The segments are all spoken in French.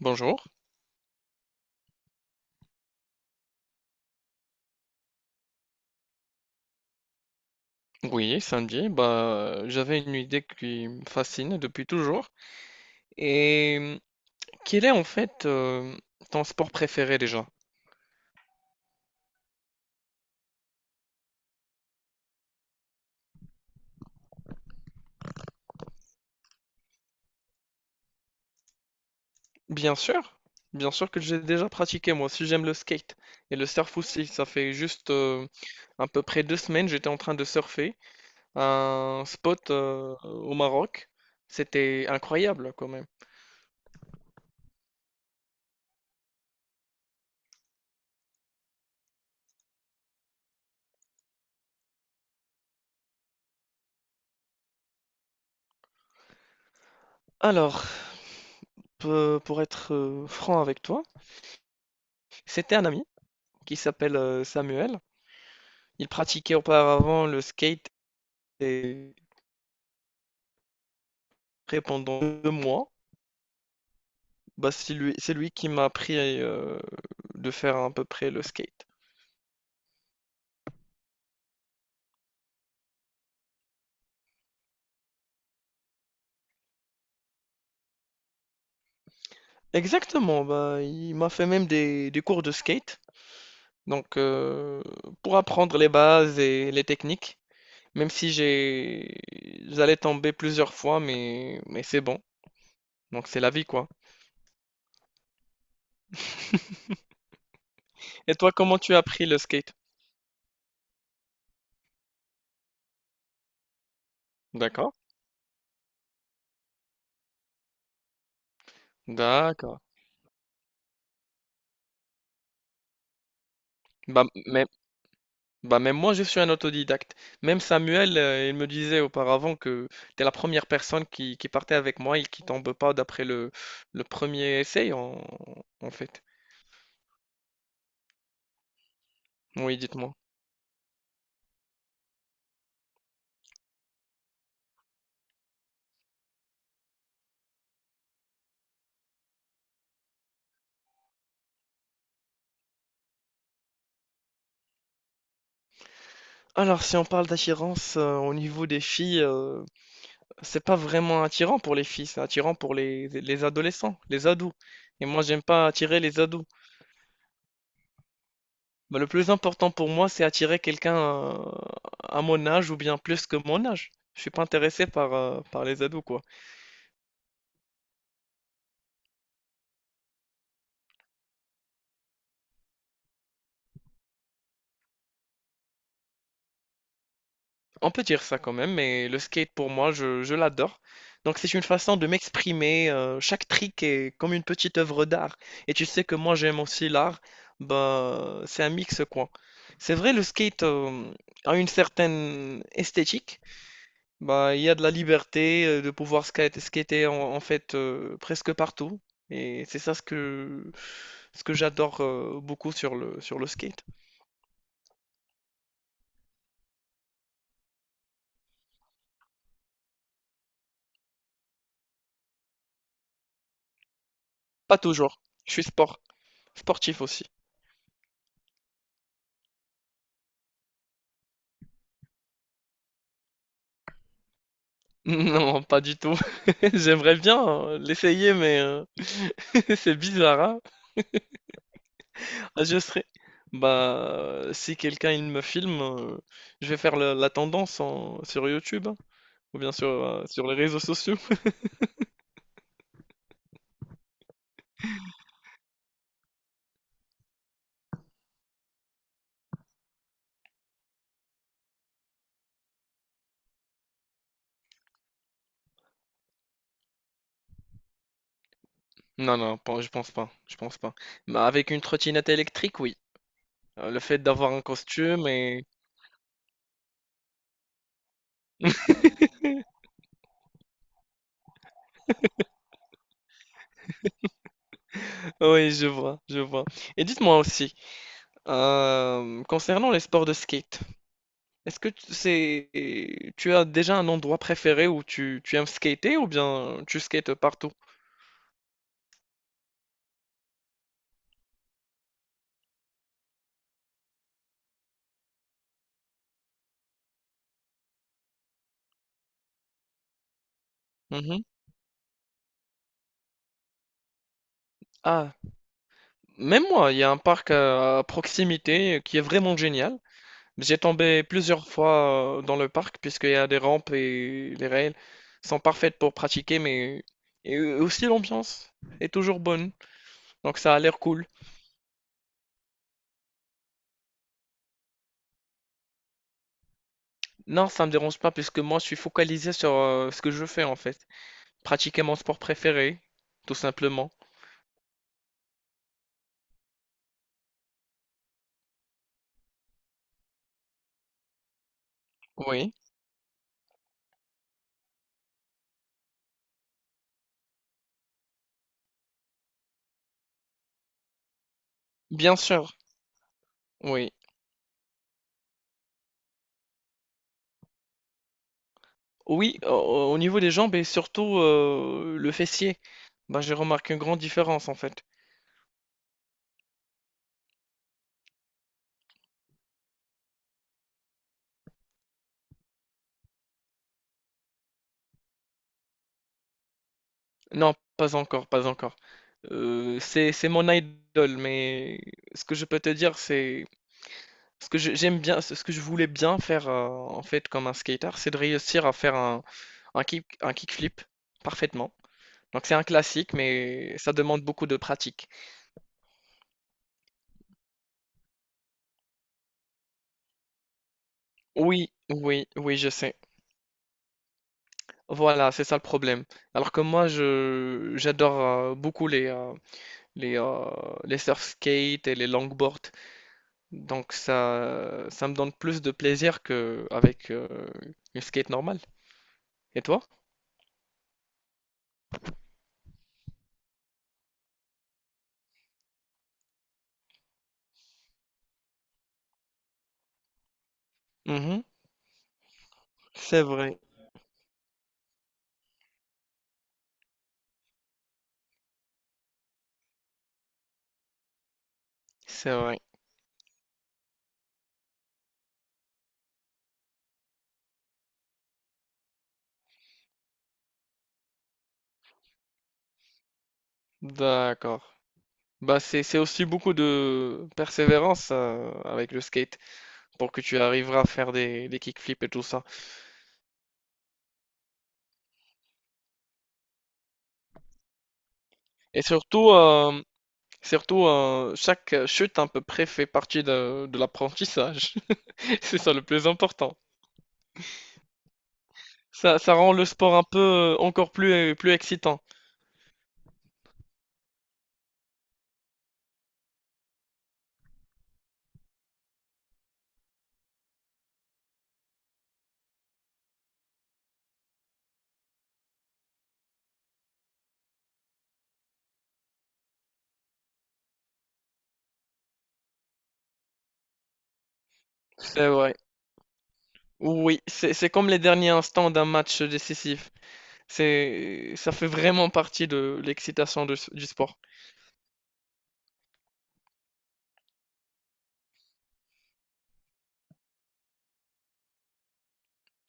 Bonjour. Oui, samedi, bah, j'avais une idée qui me fascine depuis toujours. Et hum, quel est en fait ton sport préféré déjà? Bien sûr, bien sûr que j'ai déjà pratiqué. Moi aussi, j'aime le skate et le surf aussi. Ça fait juste à peu près 2 semaines, j'étais en train de surfer à un spot au Maroc. C'était incroyable quand même. Alors, pour être franc avec toi, c'était un ami qui s'appelle Samuel. Il pratiquait auparavant le skate et pendant 2 mois, bah, c'est lui qui m'a appris, de faire à peu près le skate. Exactement, bah, il m'a fait même des cours de skate, donc heu, pour apprendre les bases et les techniques, même si j'allais tomber plusieurs fois, mais c'est bon, donc c'est la vie, quoi. Et toi, comment tu as appris le skate? D'accord, d'accord. Bah, m Bah même moi je suis un autodidacte. Même Samuel, il me disait auparavant que tu es la première personne qui partait avec moi et qui tombe pas d'après le premier essai en fait. Oui, dites-moi. Alors si on parle d'attirance au niveau des filles, c'est pas vraiment attirant pour les filles, c'est attirant pour les adolescents, les ados. Et moi j'aime pas attirer les ados. Bah, le plus important pour moi c'est attirer quelqu'un à mon âge ou bien plus que mon âge. Je suis pas intéressé par, par les ados quoi. On peut dire ça quand même, mais le skate pour moi, je l'adore. Donc c'est une façon de m'exprimer. Chaque trick est comme une petite œuvre d'art. Et tu sais que moi j'aime aussi l'art. Bah, c'est un mix quoi. C'est vrai, le skate a une certaine esthétique. Bah, il y a de la liberté de pouvoir skater en fait presque partout. Et c'est ça ce que j'adore beaucoup sur sur le skate. Pas toujours. Je suis sportif aussi. Non, pas du tout. J'aimerais bien, l'essayer c'est bizarre, hein? Ah, si quelqu'un il me filme, je vais faire la tendance en sur YouTube, hein, ou bien sur, sur les réseaux sociaux. Non, non, pas je pense pas, je pense pas. Bah, avec une trottinette électrique, oui. Le fait d'avoir un costume et oui, je vois, je vois. Et dites-moi aussi, concernant les sports de skate, est-ce que t c'est tu as déjà un endroit préféré où tu aimes skater ou bien tu skates partout? Mhm. Ah, même moi, il y a un parc à proximité qui est vraiment génial. J'ai tombé plusieurs fois dans le parc puisqu'il y a des rampes et les rails sont parfaites pour pratiquer, mais et aussi l'ambiance est toujours bonne, donc ça a l'air cool. Non, ça me dérange pas puisque moi je suis focalisé sur ce que je fais en fait, pratiquer mon sport préféré, tout simplement. Oui, bien sûr, oui. Oui, au, au niveau des jambes et surtout le fessier, bah, j'ai remarqué une grande différence en fait. Non, pas encore, pas encore. C'est mon idole, mais ce que je peux te dire, c'est ce que j'aime bien, ce que je voulais bien faire en fait comme un skater, c'est de réussir à faire un kick, un kickflip parfaitement. Donc c'est un classique, mais ça demande beaucoup de pratique. Oui, oui, oui, je sais. Voilà, c'est ça le problème. Alors que moi, je j'adore beaucoup les euh, les surf skates et les longboards. Donc ça me donne plus de plaisir qu'avec une skate normale. Et toi? Mhm. C'est vrai, c'est vrai. D'accord. Bah c'est aussi beaucoup de persévérance avec le skate pour que tu arriveras à faire des kickflips et tout ça. Et surtout, euh, Surtout chaque chute à peu près fait partie de l'apprentissage. C'est ça le plus important. Ça rend le sport un peu encore plus, plus excitant. C'est vrai. Oui, c'est comme les derniers instants d'un match décisif. Ça fait vraiment partie de l'excitation de du sport.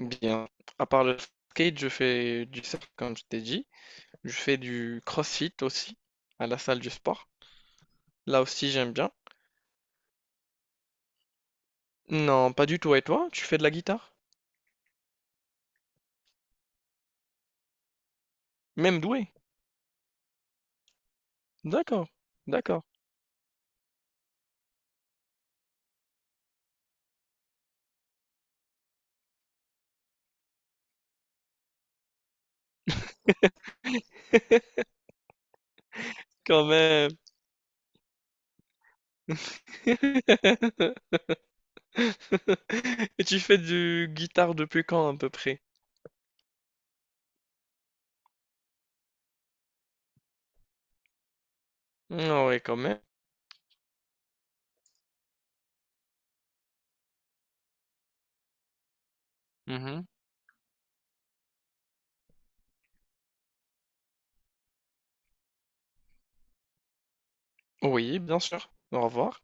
Bien, à part le skate, je fais du surf, comme je t'ai dit. Je fais du crossfit aussi, à la salle du sport. Là aussi, j'aime bien. Non, pas du tout. Et toi, tu fais de la guitare? Même doué? D'accord, d'accord. Quand même. Et tu fais du guitare depuis quand à peu près? Ah ouais, quand même. Mhm. Oui, bien sûr. Au revoir.